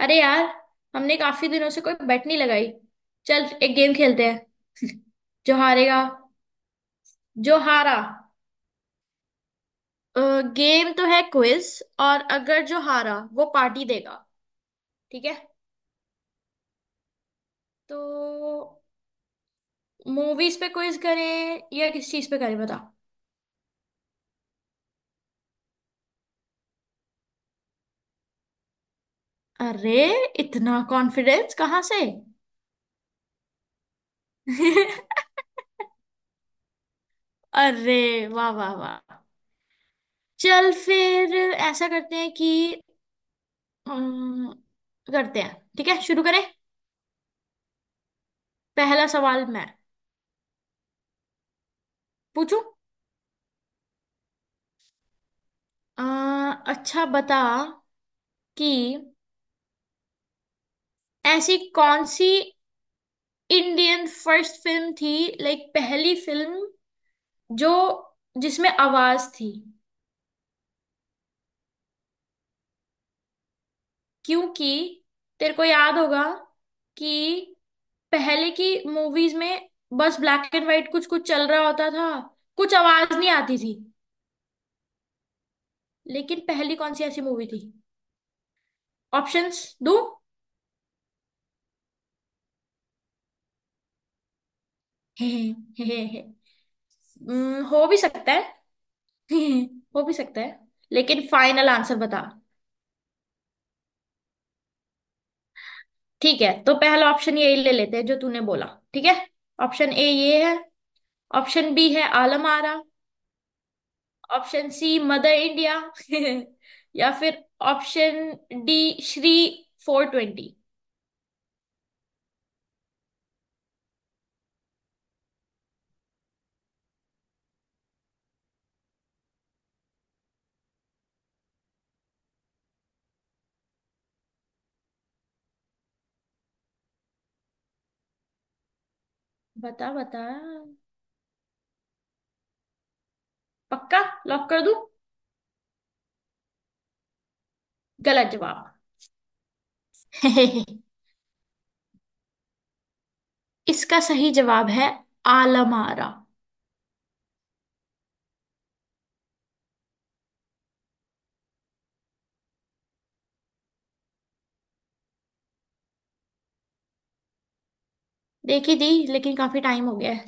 अरे यार। हमने काफी दिनों से कोई बेट नहीं लगाई। चल एक गेम खेलते हैं। जो हारेगा। जो हारा गेम तो है क्विज। और अगर जो हारा वो पार्टी देगा ठीक है। तो मूवीज पे क्विज करें या किस चीज पे करें बता। अरे इतना कॉन्फिडेंस कहाँ से। अरे वाह वाह वाह। चल फिर ऐसा करते हैं कि अम, करते हैं ठीक है शुरू करें। पहला सवाल मैं पूछू। आ, अच्छा बता कि ऐसी कौन सी इंडियन फर्स्ट फिल्म थी। लाइक पहली फिल्म जो जिसमें आवाज थी। क्योंकि तेरे को याद होगा कि पहले की मूवीज में बस ब्लैक एंड व्हाइट कुछ कुछ चल रहा होता था। कुछ आवाज नहीं आती थी। लेकिन पहली कौन सी ऐसी मूवी थी। ऑप्शंस दो। हे हे हे, हे, हे। हो भी सकता है। हो भी सकता है। लेकिन फाइनल आंसर बता। ठीक है तो पहला ऑप्शन यही ले लेते हैं जो तूने बोला। ठीक है। ऑप्शन ए ये है। ऑप्शन बी है Alam Ara. Option C mother India. या फिर ऑप्शन डी श्री 420। बता बता। पक्का लॉक कर दूं। गलत जवाब। इसका सही जवाब है आलमारा। देखी दी लेकिन काफी टाइम हो गया है।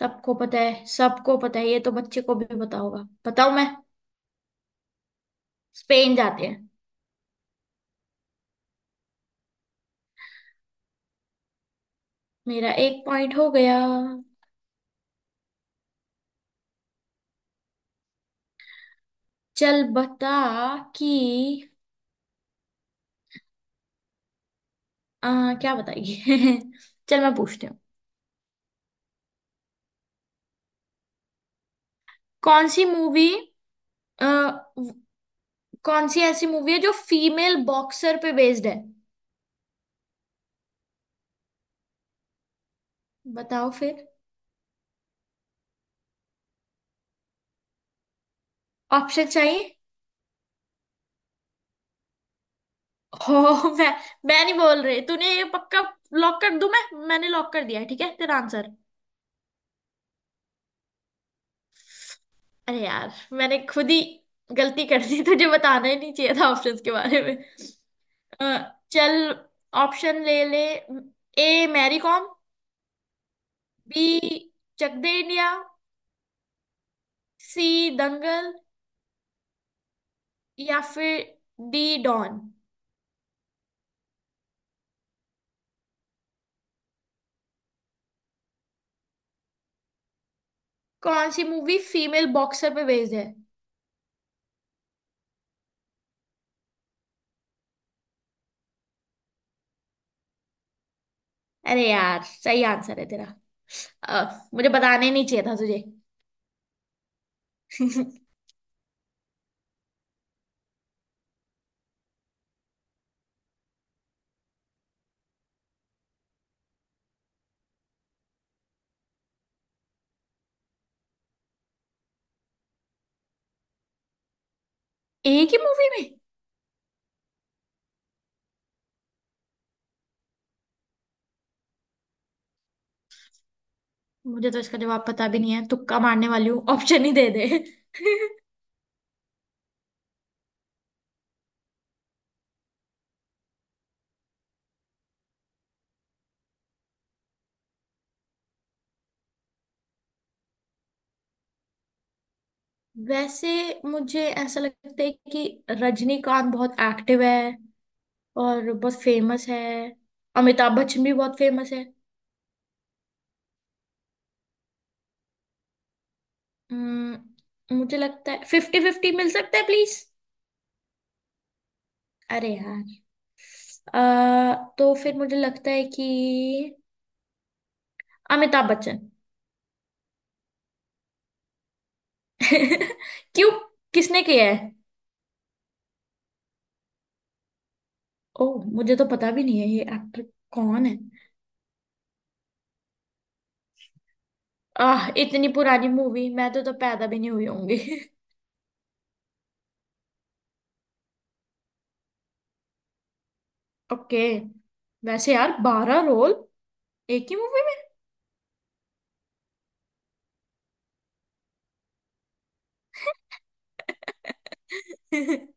सबको पता है सबको पता है ये तो बच्चे को भी पता होगा बताऊं मैं। स्पेन जाते हैं। मेरा एक पॉइंट हो गया। चल बता कि क्या बताइए। चल मैं पूछती हूँ। कौन सी मूवी कौन सी ऐसी मूवी है जो फीमेल बॉक्सर पे बेस्ड है। बताओ फिर। ऑप्शन चाहिए। हो मैं नहीं बोल रही तूने ये पक्का लॉक कर दूं मैं। मैंने लॉक कर दिया है, ठीक है तेरा आंसर। अरे यार मैंने खुद ही गलती कर दी। तुझे बताना ही नहीं चाहिए था ऑप्शंस के बारे में। अ, चल ऑप्शन ले ले। ए मैरी कॉम। बी चक दे इंडिया। सी दंगल। या फिर डी डॉन। कौन सी मूवी फीमेल बॉक्सर पे बेस्ड है। अरे यार सही आंसर है तेरा। मुझे बताने नहीं चाहिए था तुझे। एक ही मूवी में मुझे तो इसका जवाब पता भी नहीं है। तुक्का मारने वाली हूँ ऑप्शन ही दे दे। वैसे मुझे ऐसा लगता है कि रजनीकांत बहुत एक्टिव है और बहुत फेमस है। अमिताभ बच्चन भी बहुत फेमस है। मुझे लगता है फिफ्टी फिफ्टी मिल सकता है प्लीज। अरे यार। तो फिर मुझे लगता है कि अमिताभ बच्चन। क्यों किसने किया है। ओ मुझे तो पता भी नहीं है ये एक्टर कौन है। आह इतनी पुरानी मूवी मैं तो पैदा भी नहीं हुई होंगी। ओके। वैसे यार 12 रोल एक ही मूवी में।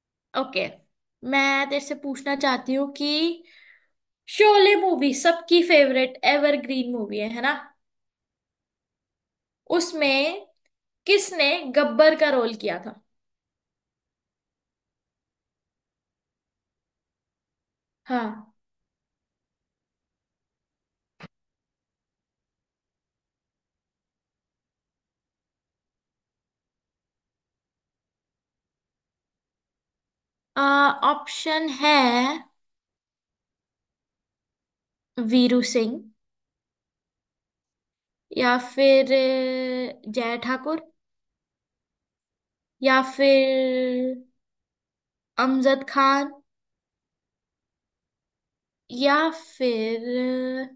ओके। मैं तेरे से पूछना चाहती हूँ कि शोले मूवी सबकी फेवरेट एवरग्रीन मूवी है ना। उसमें किसने गब्बर का रोल किया था। हाँ। ऑप्शन है वीरू सिंह। या फिर जय ठाकुर। या फिर अमजद खान। या फिर अ,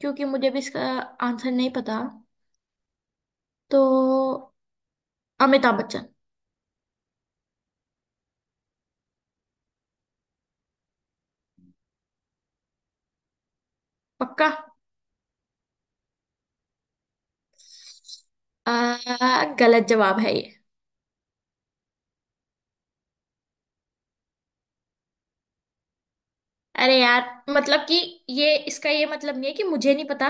क्योंकि मुझे भी इसका आंसर नहीं पता तो अमिताभ बच्चन। पक्का। गलत जवाब है ये। अरे यार मतलब कि ये इसका ये मतलब नहीं है कि मुझे नहीं पता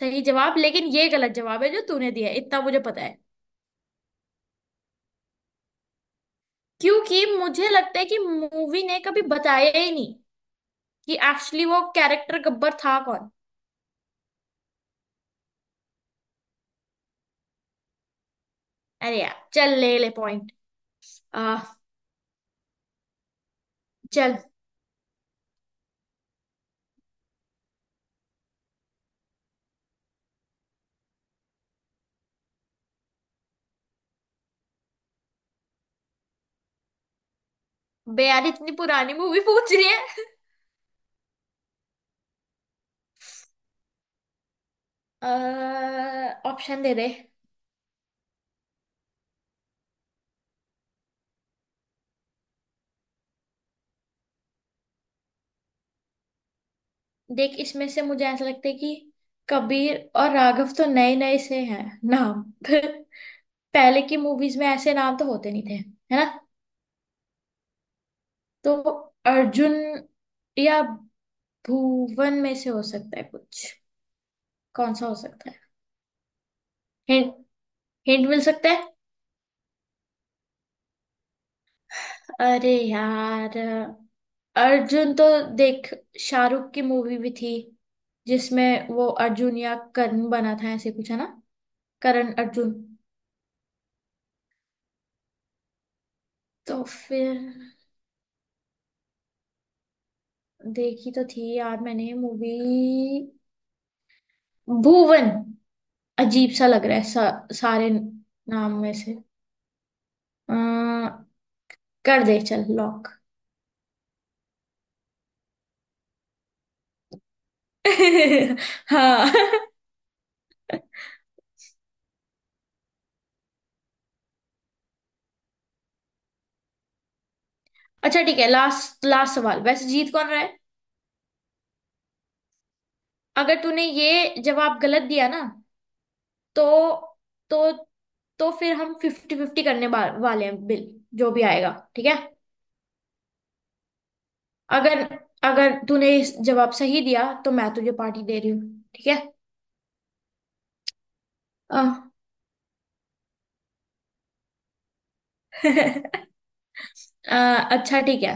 सही जवाब। लेकिन ये गलत जवाब है जो तूने दिया है इतना मुझे पता है। क्योंकि मुझे लगता है कि मूवी ने कभी बताया ही नहीं कि एक्चुअली वो कैरेक्टर गब्बर था कौन। अरे यार चल ले ले पॉइंट। आ चल। बे यार इतनी पुरानी मूवी पूछ रही है। ऑप्शन दे दे। देख इसमें से मुझे ऐसा लगता है कि कबीर और राघव तो नए नए से हैं नाम। पहले की मूवीज में ऐसे नाम तो होते नहीं थे है ना। तो अर्जुन या भुवन में से हो सकता है कुछ। कौन सा हो सकता है। हिंट हिंट मिल सकता है। अरे यार अर्जुन तो देख शाहरुख की मूवी भी थी जिसमें वो अर्जुन या करण बना था ऐसे कुछ है ना। करण अर्जुन। तो फिर देखी तो थी यार मैंने मूवी भुवन। अजीब सा लग रहा है सारे नाम में से। अ, कर दे चल लॉक। हाँ। अच्छा ठीक है। लास्ट लास्ट सवाल वैसे जीत कौन रहा है। अगर तूने ये जवाब गलत दिया ना तो तो तो फिर हम फिफ्टी फिफ्टी करने वाले हैं बिल जो भी आएगा ठीक है। अगर अगर तूने इस जवाब सही दिया तो मैं तुझे पार्टी दे रही हूँ ठीक है। अ, अच्छा ठीक है।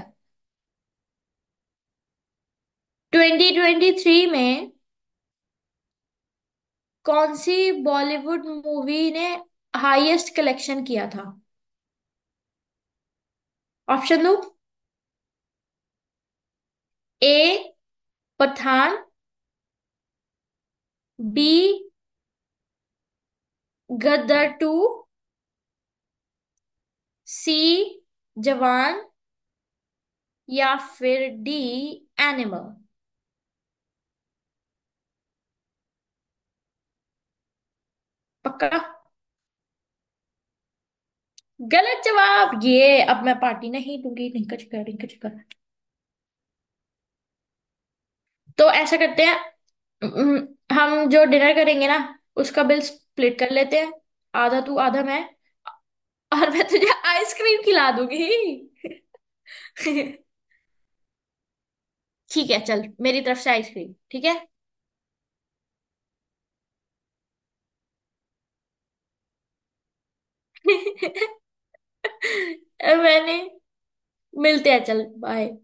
2023 में कौन सी बॉलीवुड मूवी ने हाईएस्ट कलेक्शन किया था। ऑप्शन दो। ए पठान। बी गदर 2। सी जवान। या फिर डी एनिमल। पक्का। गलत जवाब ये। अब मैं पार्टी नहीं दूंगी रिंका चिकर रिंका चिकर। तो ऐसा करते हैं हम्म, हम जो डिनर करेंगे ना उसका बिल स्प्लिट कर लेते हैं। आधा तू आधा मैं। और मैं तुझे आइसक्रीम खिला दूंगी। ठीक है चल मेरी तरफ से आइसक्रीम ठीक है। मैंने मिलते हैं चल बाय।